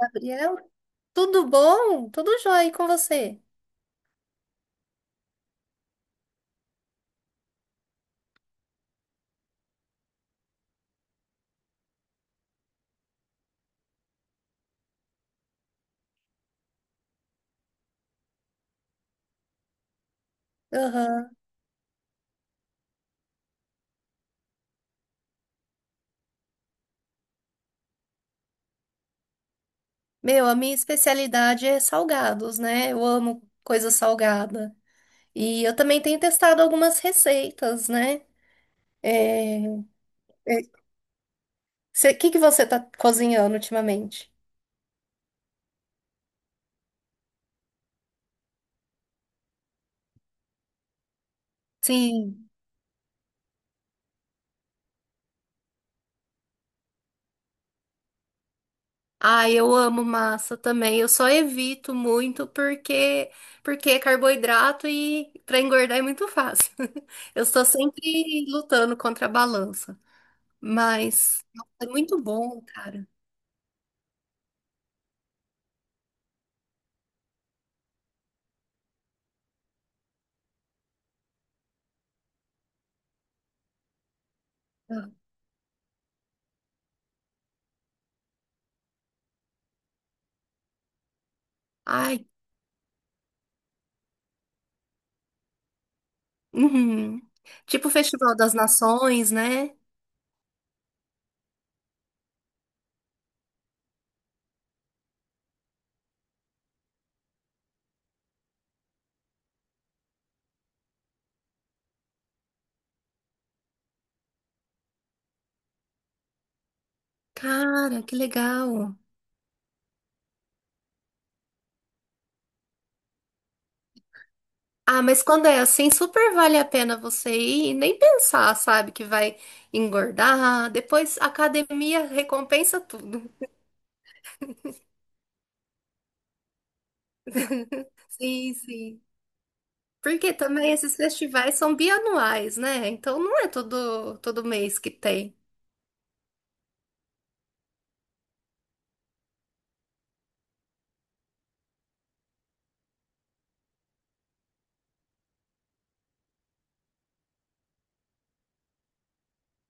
Gabriel, tudo bom? Tudo jóia, e com você? Aham. Meu, a minha especialidade é salgados, né? Eu amo coisa salgada. E eu também tenho testado algumas receitas, né? É... O que que você tá cozinhando ultimamente? Sim. Ah, eu amo massa também. Eu só evito muito porque é carboidrato e para engordar é muito fácil. Eu estou sempre lutando contra a balança. Mas nossa, é muito bom, cara. Ai, uhum. Tipo o Festival das Nações, né? Cara, que legal. Ah, mas quando é assim, super vale a pena você ir e nem pensar, sabe, que vai engordar. Depois a academia recompensa tudo. Sim, sim. Porque também esses festivais são bianuais, né? Então não é todo mês que tem.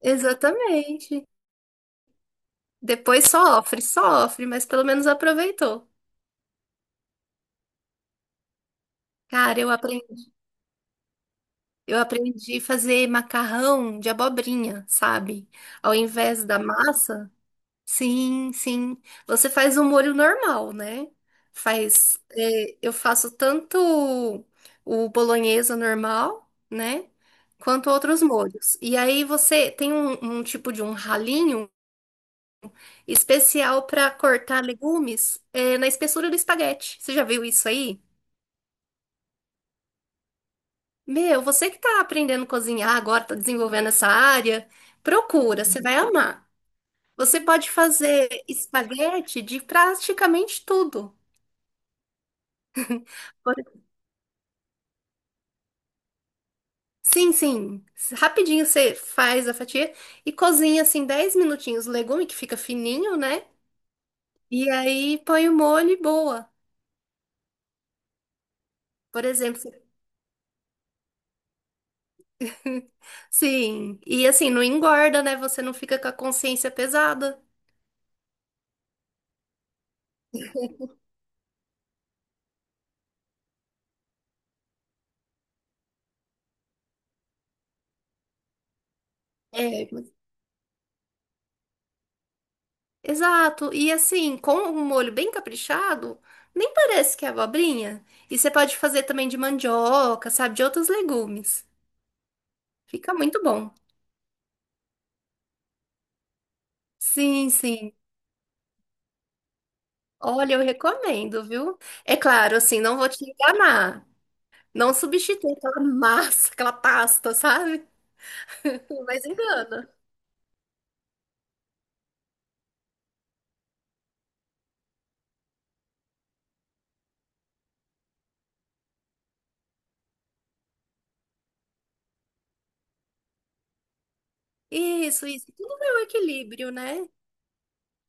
Exatamente. Depois sofre, sofre, mas pelo menos aproveitou. Cara, eu aprendi a fazer macarrão de abobrinha, sabe? Ao invés da massa, sim, sim. Você faz um molho normal, né? Faz, é, eu faço tanto o bolonhesa normal, né? Quanto outros molhos. E aí você tem um tipo de um ralinho especial para cortar legumes, é, na espessura do espaguete. Você já viu isso aí? Meu, você que tá aprendendo a cozinhar agora, tá desenvolvendo essa área, procura, você vai amar. Você pode fazer espaguete de praticamente tudo. Por- Sim, sim. Rapidinho você faz a fatia e cozinha assim 10 minutinhos o legume que fica fininho, né? E aí põe o molho e boa. Por exemplo, sim. E assim, não engorda, né? Você não fica com a consciência pesada. É, exato. E assim, com um molho bem caprichado, nem parece que é abobrinha. E você pode fazer também de mandioca, sabe, de outros legumes. Fica muito bom. Sim, sim. Olha, eu recomendo, viu? É claro, assim, não vou te enganar. Não substitui aquela massa, aquela pasta, sabe? Mas engana. Isso, isso. Tudo é um equilíbrio, né? A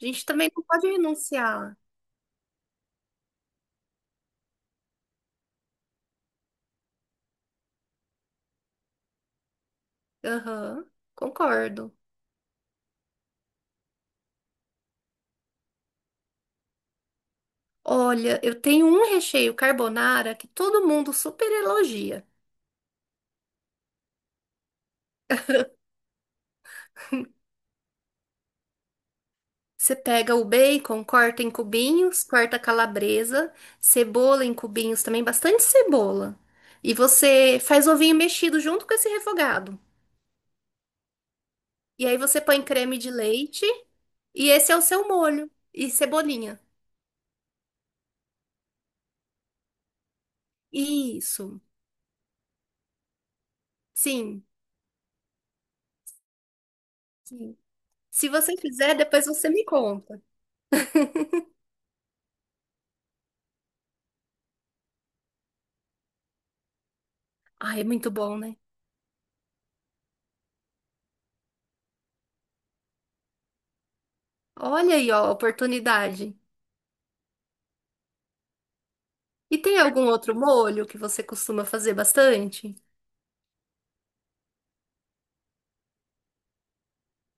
gente também não pode renunciar. Aham, concordo. Olha, eu tenho um recheio carbonara que todo mundo super elogia. Você pega o bacon, corta em cubinhos, corta a calabresa, cebola em cubinhos também, bastante cebola. E você faz ovinho mexido junto com esse refogado. E aí você põe creme de leite e esse é o seu molho e cebolinha. Isso. Sim. Sim. Se você fizer, depois você me conta. Ai, é muito bom, né? Olha aí, ó, a oportunidade. E tem algum outro molho que você costuma fazer bastante?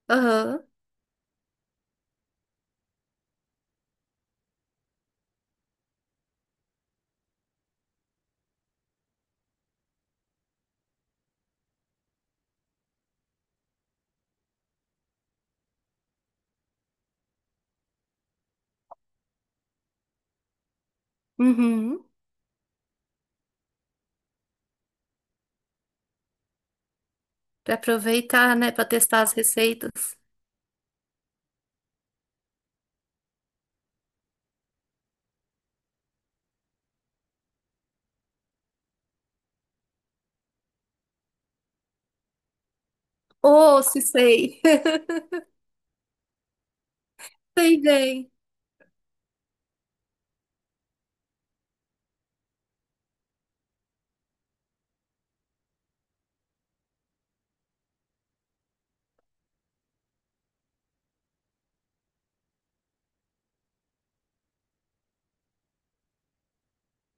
Aham. Uhum. Pra aproveitar, né? Pra testar as receitas. Oh, se sei. Sei bem.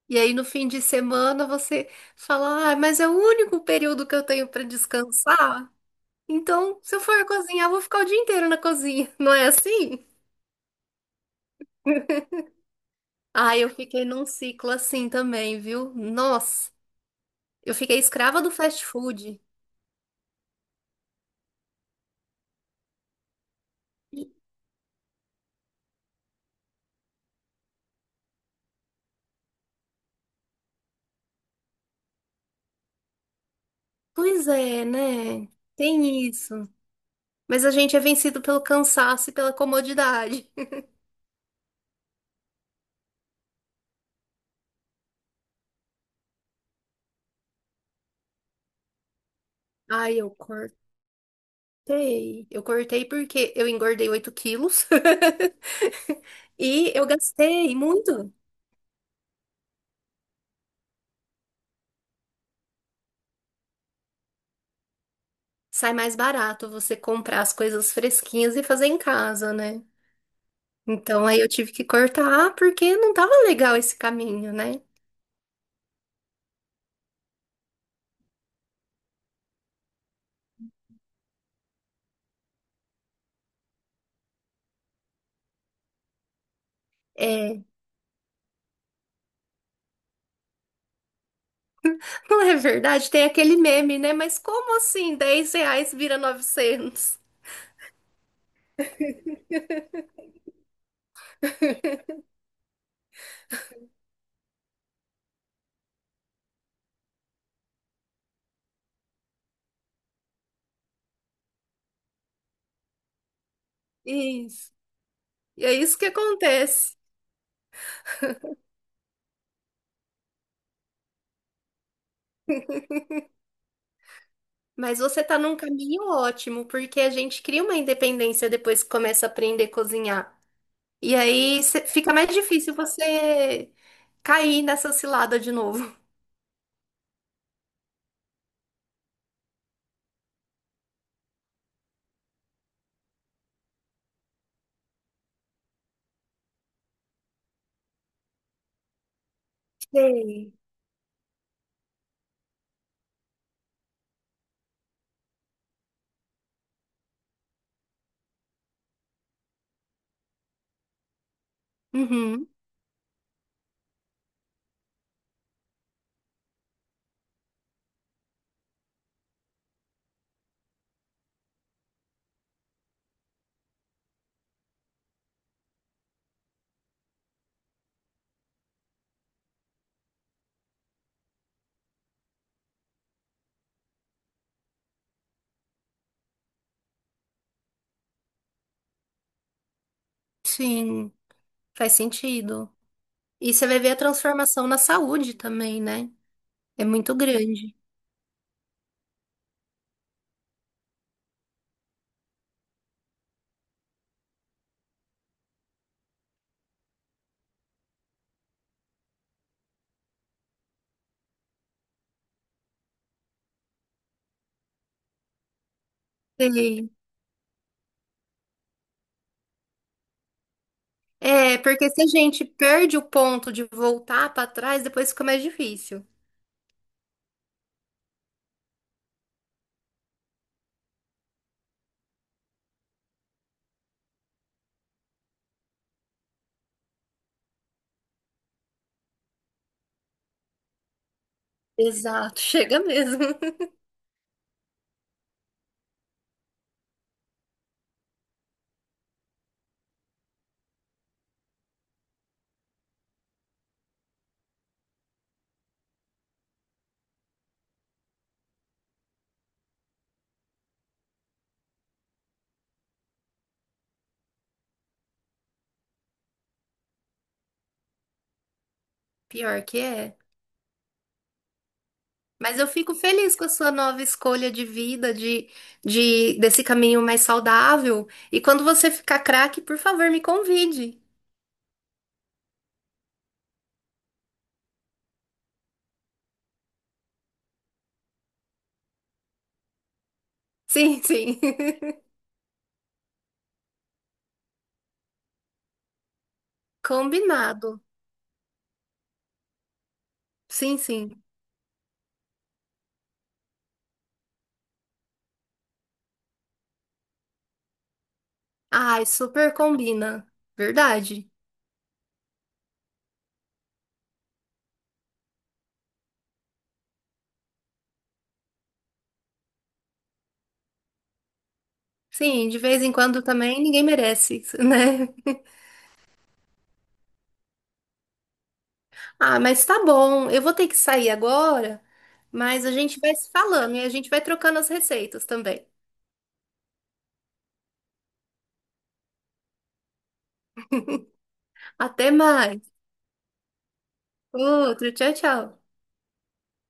E aí, no fim de semana, você fala: ah, mas é o único período que eu tenho pra descansar. Então, se eu for cozinhar, eu vou ficar o dia inteiro na cozinha. Não é assim? Ah, eu fiquei num ciclo assim também, viu? Nossa, eu fiquei escrava do fast food. E- Pois é, né? Tem isso. Mas a gente é vencido pelo cansaço e pela comodidade. Ai, eu cortei. Eu cortei porque eu engordei 8 quilos e eu gastei muito. Sai mais barato você comprar as coisas fresquinhas e fazer em casa, né? Então aí eu tive que cortar porque não tava legal esse caminho, né? É, não é verdade? Tem aquele meme, né? Mas como assim R$ 10 vira 900? Isso. E é isso que acontece. Mas você está num caminho ótimo, porque a gente cria uma independência depois que começa a aprender a cozinhar. E aí fica mais difícil você cair nessa cilada de novo. Sei. Uhum, sim, faz sentido. E você vai ver a transformação na saúde também, né? É muito grande. Sei. É, porque se a gente perde o ponto de voltar para trás, depois fica mais difícil. Exato, chega mesmo. Pior que é. Mas eu fico feliz com a sua nova escolha de vida, de desse caminho mais saudável. E quando você ficar craque, por favor, me convide. Sim, sim. Combinado. Sim, sim. Ai, super combina. Verdade. Sim, de vez em quando também ninguém merece, né? Ah, mas tá bom. Eu vou ter que sair agora, mas a gente vai se falando e a gente vai trocando as receitas também. Até mais. Outro, tchau, tchau.